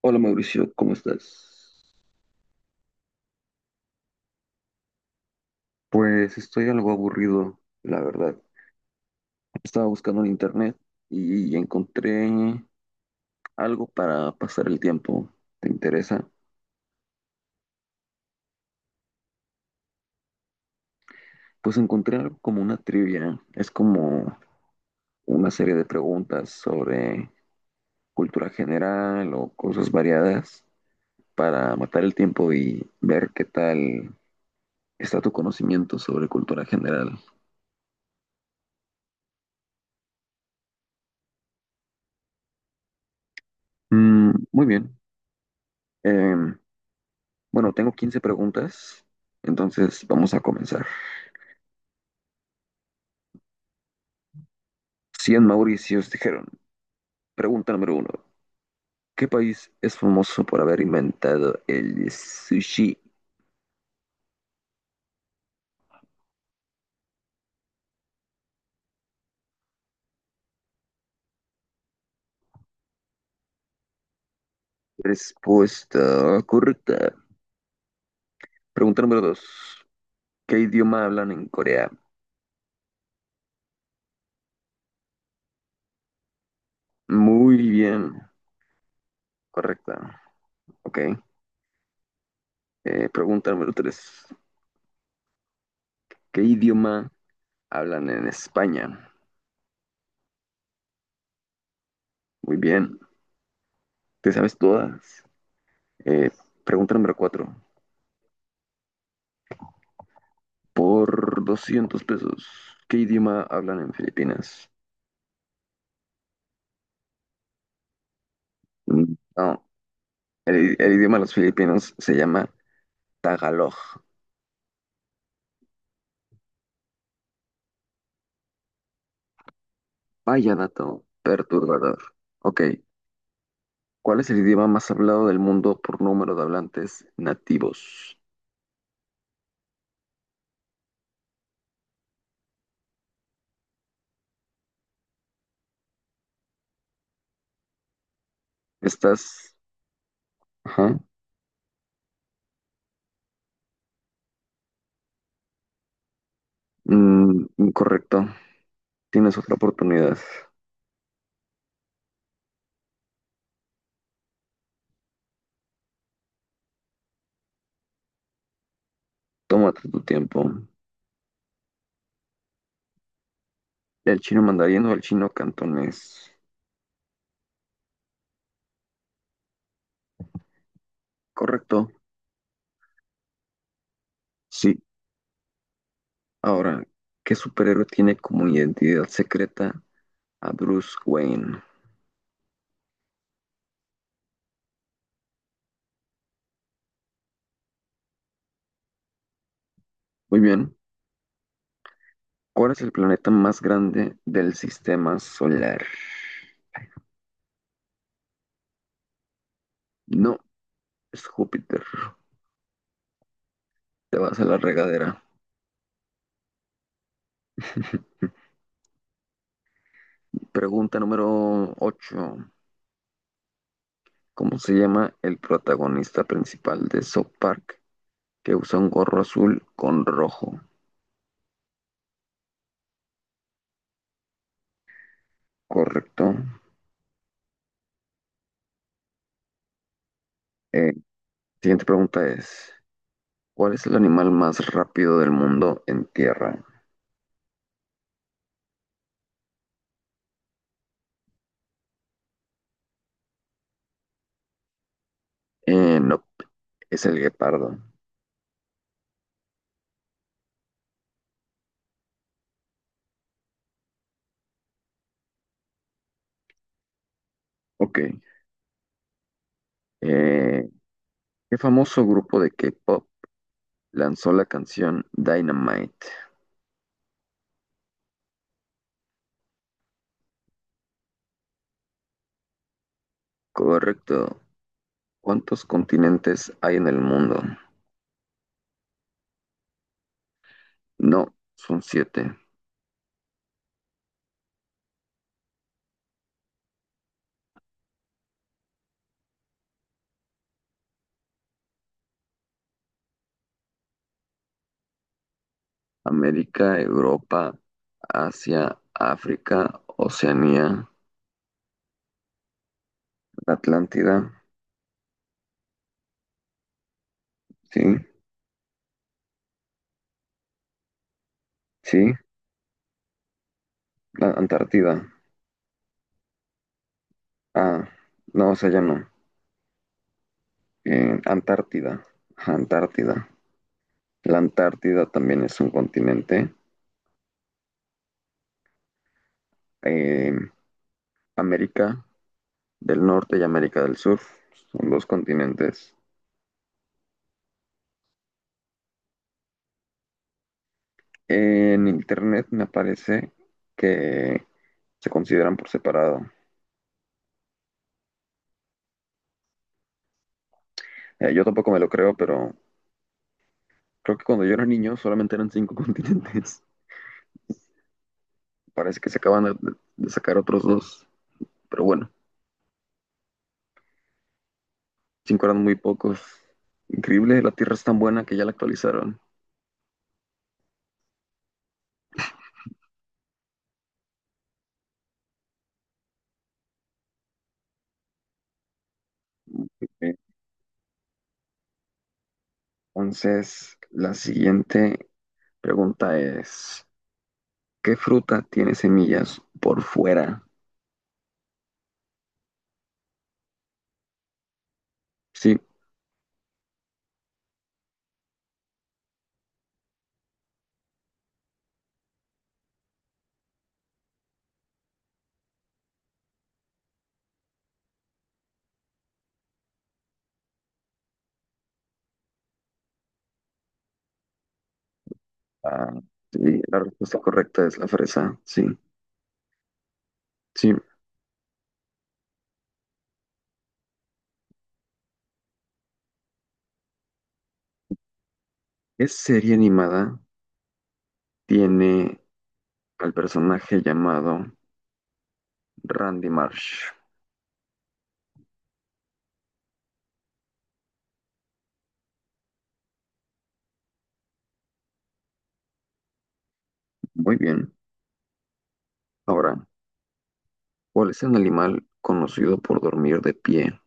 Hola Mauricio, ¿cómo estás? Pues estoy algo aburrido, la verdad. Estaba buscando en internet y encontré algo para pasar el tiempo. ¿Te interesa? Pues encontré algo como una trivia. Es como una serie de preguntas sobre cultura general o cosas variadas para matar el tiempo y ver qué tal está tu conocimiento sobre cultura general. Mm, muy bien. Em, Bueno, tengo 15 preguntas, entonces vamos a comenzar. 100 Mauricios dijeron, pregunta número uno, ¿qué país es famoso por haber inventado el sushi? Respuesta correcta. Pregunta número dos, ¿qué idioma hablan en Corea? Muy bien, correcta. Ok. Pregunta número tres, ¿qué idioma hablan en España? Muy bien, ¿te sabes todas? Eh, pregunta número cuatro. Por 200 pesos. ¿Qué idioma hablan en Filipinas? Mm, no, el idioma de los filipinos se llama Tagalog. Vaya dato perturbador. Ok, ¿cuál es el idioma más hablado del mundo por número de hablantes nativos? Estás... Ajá. Mm, incorrecto. Tienes otra oportunidad. Tómate tu tiempo. ¿El chino mandarín o el chino cantonés? Correcto. Sí. Ahora, ¿qué superhéroe tiene como identidad secreta a Bruce Wayne? Muy bien. ¿Cuál es el planeta más grande del sistema solar? No, es Júpiter. Te vas a la regadera. Pregunta número 8. ¿Cómo se llama el protagonista principal de South Park que usa un gorro azul con rojo? Correcto. Eh, siguiente pregunta es, ¿cuál es el animal más rápido del mundo en tierra? No, es el guepardo. Ok. Eh, ¿Qué famoso grupo de K-pop lanzó la canción Dynamite? Correcto. ¿Cuántos continentes hay en el mundo? No, son siete. América, Europa, Asia, África, Oceanía, la Atlántida. Sí, sí, la Antártida. Ah, no, o sea, ya no. Antártida. Ajá, Antártida. La Antártida también es un continente. Eh, América del Norte y América del Sur, son dos continentes. En internet me parece que se consideran por separado. Yo tampoco me lo creo, pero creo que cuando yo era niño solamente eran cinco continentes. Parece que se acaban de sacar otros dos, pero bueno, cinco eran muy pocos. Increíble, la Tierra es tan buena que ya la actualizaron. Entonces, la siguiente pregunta es, ¿qué fruta tiene semillas por fuera? Sí, ah, sí, la respuesta correcta es la fresa, sí, sí. Es serie animada, tiene al personaje llamado Randy Marsh. Muy bien. Ahora, ¿cuál es el animal conocido por dormir de pie?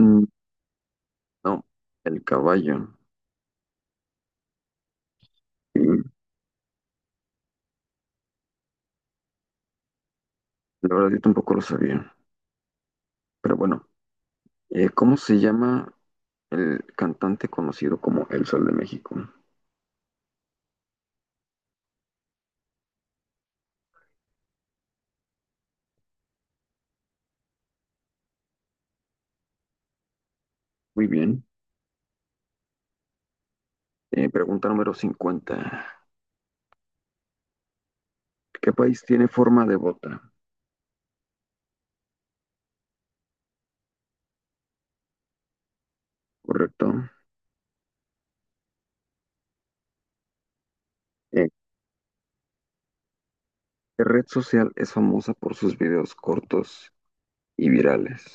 Mm, no, el caballo. La verdad, yo tampoco lo sabía. Pero bueno, ¿cómo se llama el cantante conocido como El Sol de México? Muy bien. Pregunta número 50. ¿Qué país tiene forma de bota? ¿Correcto? Eh, La red social es famosa por sus videos cortos y virales,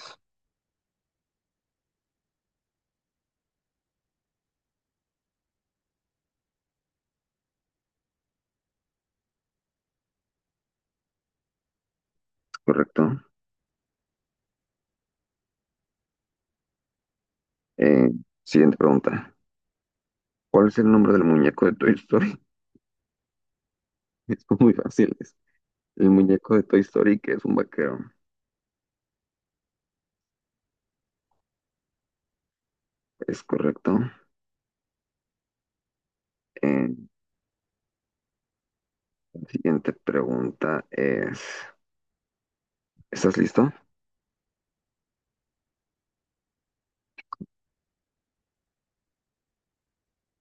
¿correcto? Eh, siguiente pregunta. ¿Cuál es el nombre del muñeco de Toy Story? Es muy fácil. Es el muñeco de Toy Story, que es un vaquero. Es correcto. Eh, la siguiente pregunta es, ¿estás listo?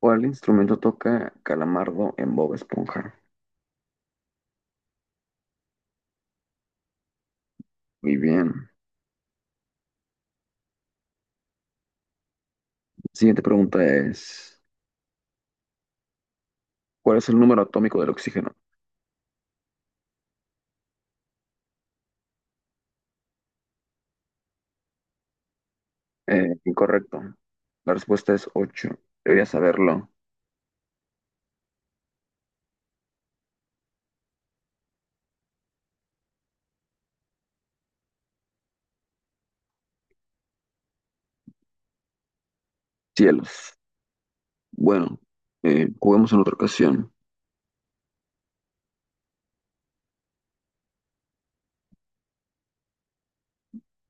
¿Cuál instrumento toca Calamardo en Bob Esponja? Muy bien. Siguiente pregunta es, ¿cuál es el número atómico del oxígeno? Incorrecto. La respuesta es 8. Debería saberlo. Cielos. Bueno, juguemos en otra ocasión.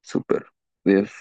Súper. Adiós.